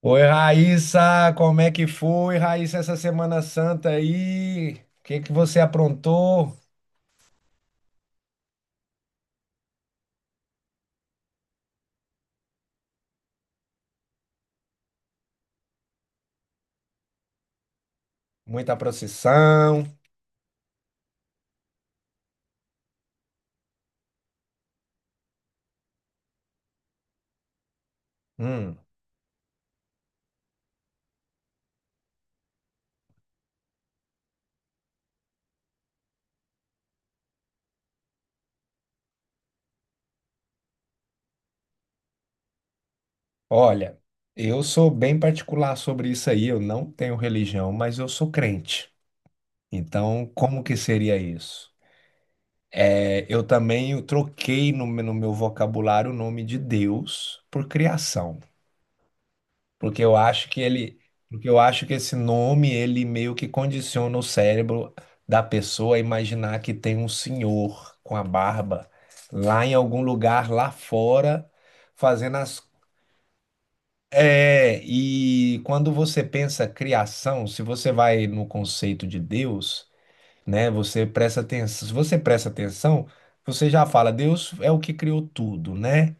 Oi, Raíssa, como é que foi, Raíssa, essa Semana Santa aí? O que que você aprontou? Muita procissão? Hum, olha, eu sou bem particular sobre isso aí, eu não tenho religião, mas eu sou crente. Então, como que seria isso? É, eu também eu troquei no meu vocabulário o nome de Deus por criação. Porque eu acho que ele, Porque eu acho que esse nome ele meio que condiciona o cérebro da pessoa a imaginar que tem um senhor com a barba lá em algum lugar lá fora fazendo as... É, e quando você pensa criação, se você vai no conceito de Deus, né, se você presta atenção, você já fala, Deus é o que criou tudo, né?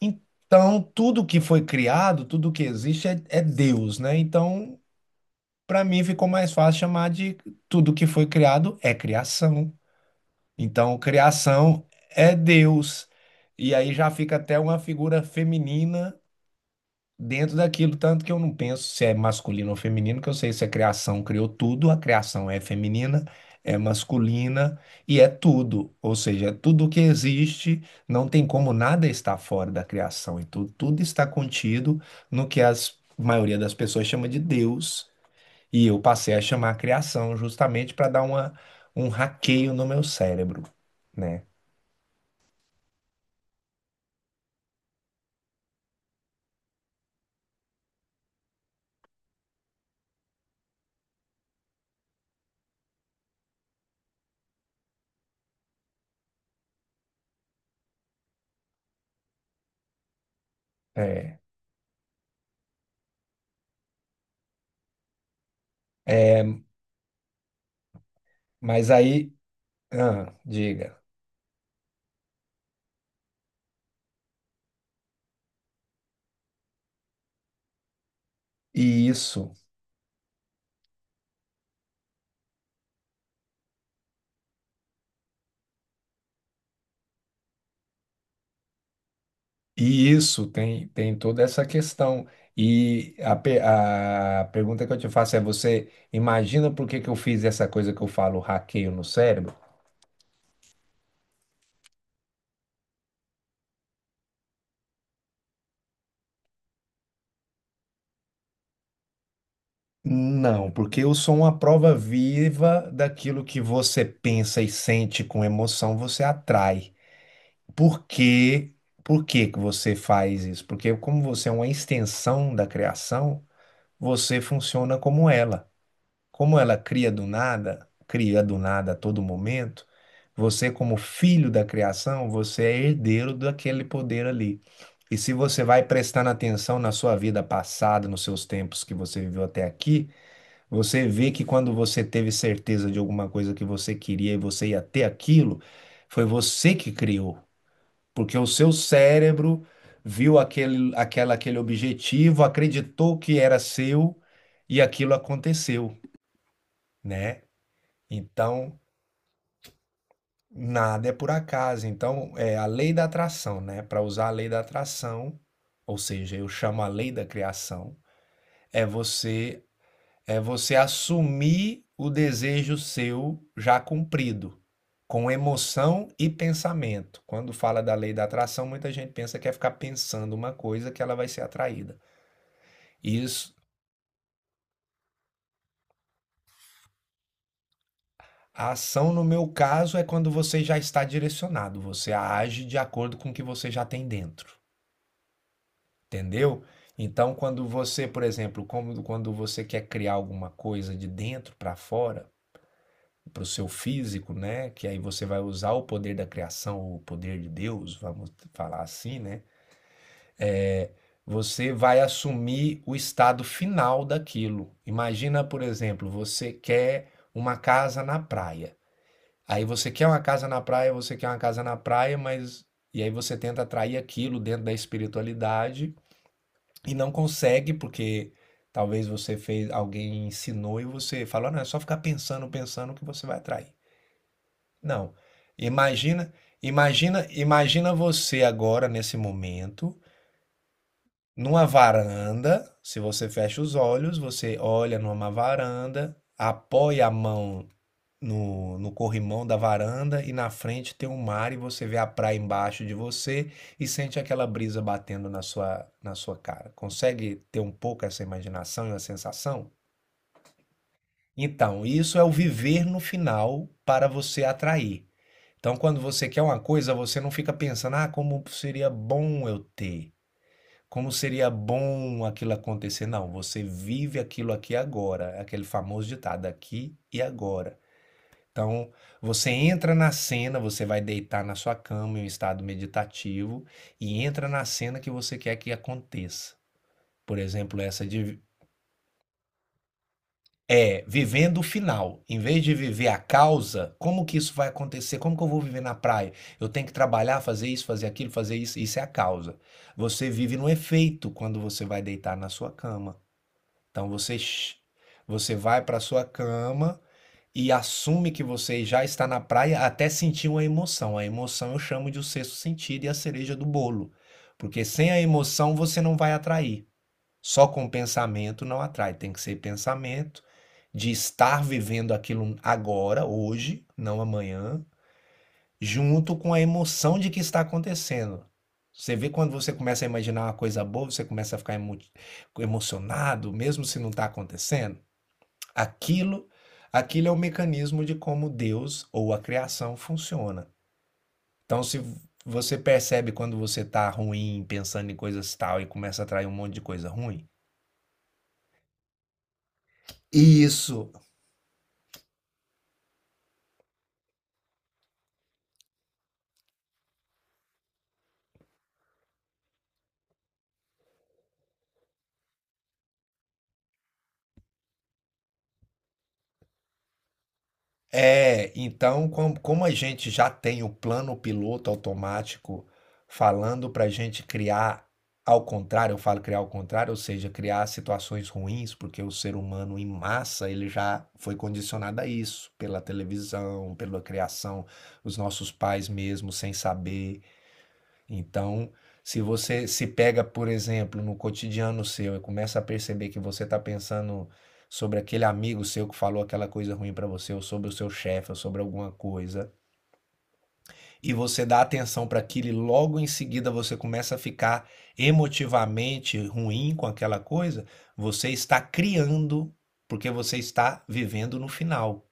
Então, tudo que foi criado, tudo que existe é Deus, né? Então, para mim ficou mais fácil chamar de tudo que foi criado é criação. Então, criação é Deus. E aí já fica até uma figura feminina dentro daquilo, tanto que eu não penso se é masculino ou feminino, que eu sei se a criação criou tudo, a criação é feminina, é masculina e é tudo. Ou seja, é tudo que existe, não tem como nada estar fora da criação. E tudo está contido no que a maioria das pessoas chama de Deus. E eu passei a chamar criação justamente para dar uma, um hackeio no meu cérebro, né? É, é, mas aí, ah, diga, e isso, e isso tem, tem toda essa questão. E a pergunta que eu te faço é: você imagina por que que eu fiz essa coisa que eu falo, hackeio no cérebro? Não, porque eu sou uma prova viva daquilo que você pensa e sente com emoção, você atrai. Por que, por que que você faz isso? Porque como você é uma extensão da criação, você funciona como ela. Como ela cria do nada a todo momento, você como filho da criação, você é herdeiro daquele poder ali. E se você vai prestando atenção na sua vida passada, nos seus tempos que você viveu até aqui, você vê que quando você teve certeza de alguma coisa que você queria e você ia ter aquilo, foi você que criou porque o seu cérebro viu aquele objetivo, acreditou que era seu e aquilo aconteceu, né? Então, nada é por acaso. Então, é a lei da atração, né? Para usar a lei da atração, ou seja, eu chamo a lei da criação, é você... É você assumir o desejo seu já cumprido, com emoção e pensamento. Quando fala da lei da atração, muita gente pensa que é ficar pensando uma coisa que ela vai ser atraída. Isso, a ação no meu caso é quando você já está direcionado, você age de acordo com o que você já tem dentro, entendeu? Então, quando você, por exemplo, como quando você quer criar alguma coisa de dentro para fora, para o seu físico, né? Que aí você vai usar o poder da criação, o poder de Deus, vamos falar assim, né? Você vai assumir o estado final daquilo. Imagina, por exemplo, você quer uma casa na praia. Aí você quer uma casa na praia, você quer uma casa na praia, mas e aí você tenta atrair aquilo dentro da espiritualidade e não consegue porque talvez você fez, alguém ensinou e você falou, não, é só ficar pensando que você vai atrair. Não. Imagina imagina você agora nesse momento, numa varanda, se você fecha os olhos, você olha numa varanda, apoia a mão no corrimão da varanda e na frente tem um mar e você vê a praia embaixo de você e sente aquela brisa batendo na sua cara. Consegue ter um pouco essa imaginação e a sensação? Então, isso é o viver no final para você atrair. Então, quando você quer uma coisa, você não fica pensando, ah, como seria bom eu ter, como seria bom aquilo acontecer. Não, você vive aquilo aqui agora, é aquele famoso ditado, aqui e agora. Então, você entra na cena, você vai deitar na sua cama em um estado meditativo e entra na cena que você quer que aconteça. Por exemplo, essa de É, vivendo o final. Em vez de viver a causa, como que isso vai acontecer? Como que eu vou viver na praia? Eu tenho que trabalhar, fazer isso, fazer aquilo, fazer isso. Isso é a causa. Você vive no efeito quando você vai deitar na sua cama. Então você vai para sua cama e assume que você já está na praia até sentir uma emoção. A emoção eu chamo de o sexto sentido e a cereja do bolo. Porque sem a emoção você não vai atrair. Só com pensamento não atrai, tem que ser pensamento de estar vivendo aquilo agora, hoje, não amanhã, junto com a emoção de que está acontecendo. Você vê quando você começa a imaginar uma coisa boa, você começa a ficar emocionado, mesmo se não está acontecendo. Aquilo, aquilo é o mecanismo de como Deus ou a criação funciona. Então, se você percebe quando você está ruim, pensando em coisas tal e começa a atrair um monte de coisa ruim, isso... É, então, como a gente já tem o plano piloto automático falando para a gente criar ao contrário, eu falo criar ao contrário, ou seja, criar situações ruins, porque o ser humano em massa ele já foi condicionado a isso, pela televisão, pela criação, os nossos pais mesmo sem saber. Então, se você se pega, por exemplo, no cotidiano seu e começa a perceber que você está pensando sobre aquele amigo seu que falou aquela coisa ruim para você, ou sobre o seu chefe, ou sobre alguma coisa, e você dá atenção para aquilo e logo em seguida você começa a ficar emotivamente ruim com aquela coisa, você está criando, porque você está vivendo no final.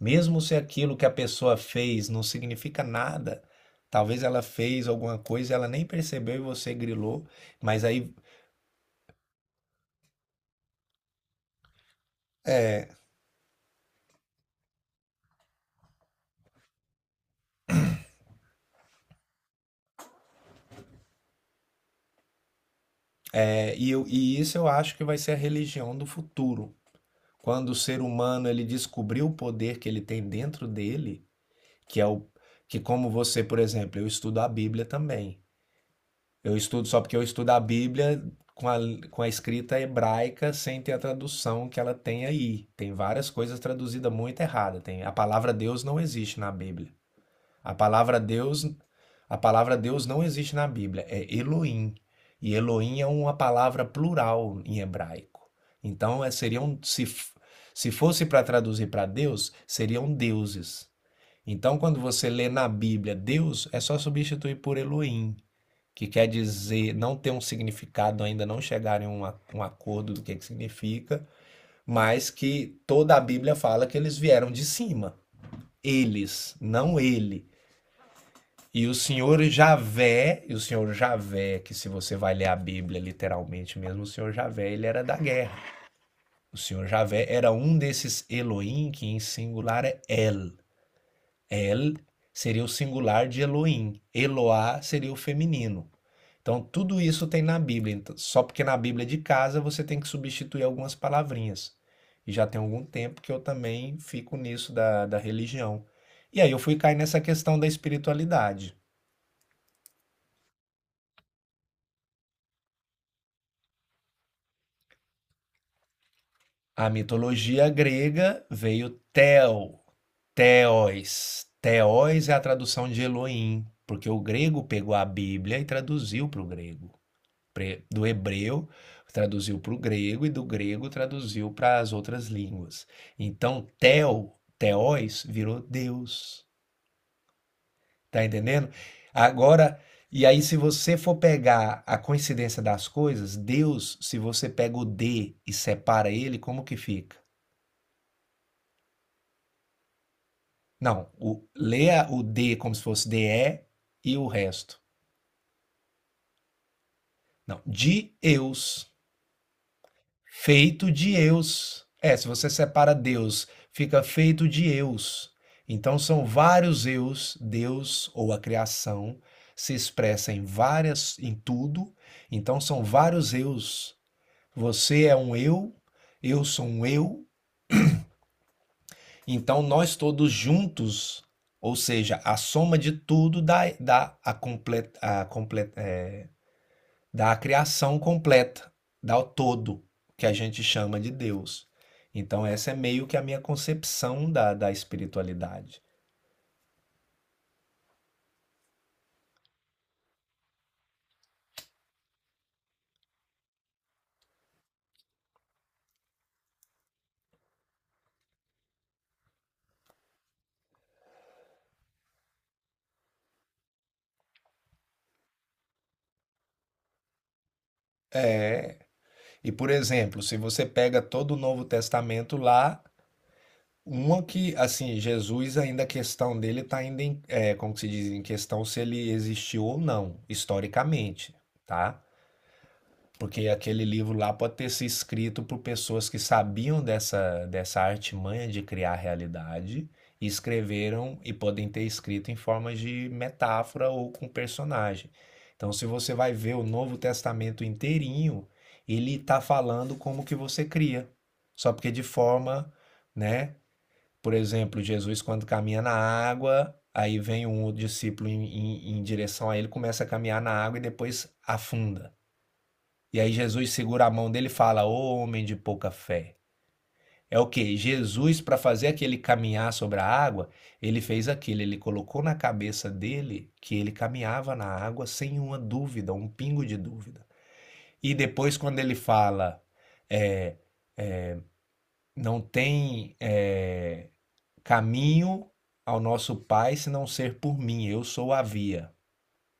Mesmo se aquilo que a pessoa fez não significa nada, talvez ela fez alguma coisa, ela nem percebeu e você grilou, mas aí é, e isso eu acho que vai ser a religião do futuro. Quando o ser humano ele descobriu o poder que ele tem dentro dele, que é o que como você, por exemplo, eu estudo a Bíblia também. Eu estudo só porque eu estudo a Bíblia com a, com a escrita hebraica sem ter a tradução que ela tem aí. Tem várias coisas traduzidas muito errada. Tem, a palavra Deus não existe na Bíblia. A palavra Deus, a palavra Deus não existe na Bíblia. É Elohim. E Elohim é uma palavra plural em hebraico. Então, é, seriam se, se fosse para traduzir para Deus, seriam deuses. Então, quando você lê na Bíblia Deus, é só substituir por Elohim que quer dizer não ter um significado, ainda não chegarem em um acordo do que significa, mas que toda a Bíblia fala que eles vieram de cima. Eles, não ele. E o Senhor Javé, que se você vai ler a Bíblia literalmente mesmo, o Senhor Javé, ele era da guerra. O Senhor Javé era um desses Elohim, que em singular é El. El seria o singular de Elohim. Eloá seria o feminino. Então, tudo isso tem na Bíblia. Então, só porque na Bíblia é de casa você tem que substituir algumas palavrinhas. E já tem algum tempo que eu também fico nisso da religião. E aí eu fui cair nessa questão da espiritualidade. A mitologia grega veio Theos. Theos é a tradução de Elohim, porque o grego pegou a Bíblia e traduziu para o grego. Do hebreu traduziu para o grego e do grego traduziu para as outras línguas. Então, Theos virou Deus. Tá entendendo? Agora, e aí, se você for pegar a coincidência das coisas, Deus, se você pega o D e separa ele, como que fica? Não, o, leia o D como se fosse DE e o resto. Não, de Eus. Feito de eus. É, se você separa Deus, fica feito de eus. Então são vários eus, Deus ou a criação se expressa em várias em tudo. Então são vários eus. Você é um eu sou um eu. Então nós todos juntos, ou seja, a soma de tudo dá a completa da criação completa, da todo, que a gente chama de Deus. Então, essa é meio que a minha concepção da espiritualidade. E, por exemplo, se você pega todo o Novo Testamento lá, uma que, assim, Jesus ainda a questão dele está ainda em, é, como se diz, em questão se ele existiu ou não, historicamente, tá? Porque aquele livro lá pode ter sido escrito por pessoas que sabiam dessa artimanha de criar realidade e escreveram e podem ter escrito em forma de metáfora ou com personagem. Então, se você vai ver o Novo Testamento inteirinho, ele está falando como que você cria. Só porque de forma, né? Por exemplo, Jesus quando caminha na água, aí vem um outro discípulo em direção a ele, começa a caminhar na água e depois afunda. E aí Jesus segura a mão dele e fala: Ô homem de pouca fé. É o que? Jesus, para fazer aquele caminhar sobre a água, ele fez aquilo, ele colocou na cabeça dele que ele caminhava na água sem uma dúvida, um pingo de dúvida. E depois, quando ele fala, é, não tem caminho ao nosso Pai se não ser por mim, eu sou a via,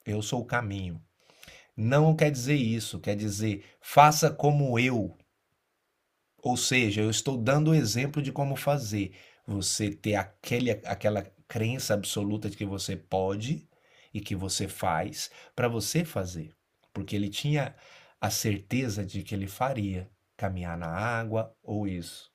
eu sou o caminho. Não quer dizer isso, quer dizer, faça como eu, ou seja, eu estou dando o exemplo de como fazer. Você ter aquela crença absoluta de que você pode e que você faz para você fazer. Porque ele tinha a certeza de que ele faria caminhar na água ou isso.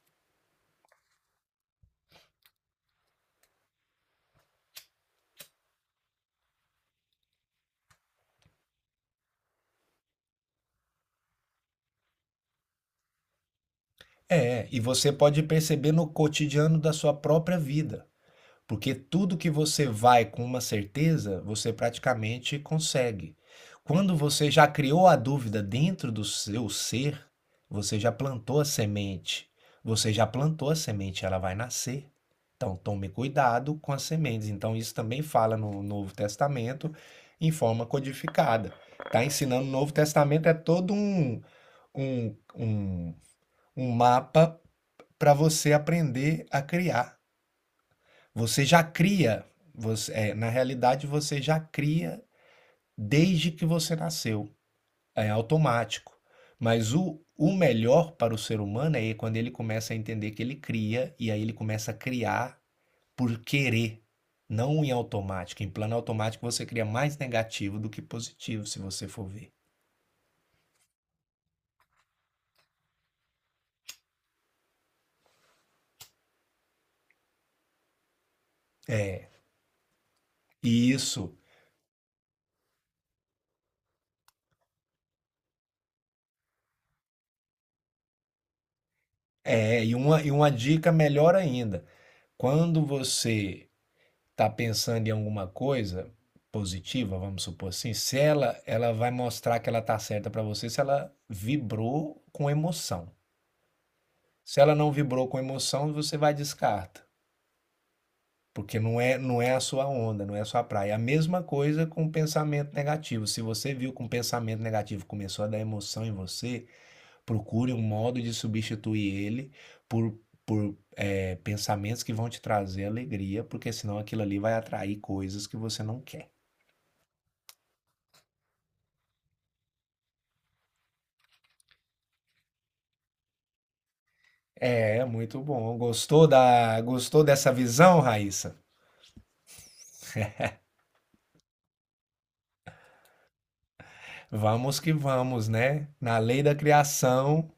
É, e você pode perceber no cotidiano da sua própria vida. Porque tudo que você vai com uma certeza, você praticamente consegue. Quando você já criou a dúvida dentro do seu ser, você já plantou a semente. Você já plantou a semente, ela vai nascer. Então tome cuidado com as sementes. Então isso também fala no Novo Testamento em forma codificada. Está ensinando o Novo Testamento é todo um, um, um mapa para você aprender a criar. Você já cria, você, é, na realidade você já cria desde que você nasceu, é automático. Mas o melhor para o ser humano é quando ele começa a entender que ele cria e aí ele começa a criar por querer, não em automático. Em plano automático você cria mais negativo do que positivo, se você for ver. E isso é, e uma dica melhor ainda. Quando você tá pensando em alguma coisa positiva, vamos supor assim, se ela, ela vai mostrar que ela tá certa para você se ela vibrou com emoção. Se ela não vibrou com emoção, você vai descarta, porque não é a sua onda, não é a sua praia. É a mesma coisa com pensamento negativo. Se você viu que um pensamento negativo começou a dar emoção em você, procure um modo de substituir ele por por pensamentos que vão te trazer alegria, porque senão aquilo ali vai atrair coisas que você não quer. É, muito bom. Gostou gostou dessa visão, Raíssa? Vamos que vamos, né? Na lei da criação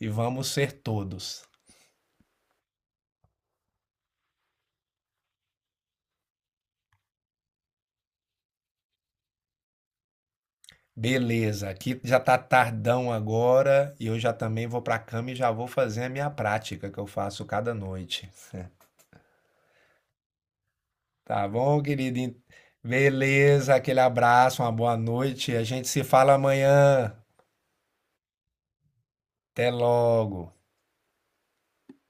e vamos ser todos. Beleza, aqui já tá tardão agora e eu já também vou pra cama e já vou fazer a minha prática que eu faço cada noite. Tá bom, querido? Beleza, aquele abraço, uma boa noite. A gente se fala amanhã. Até logo.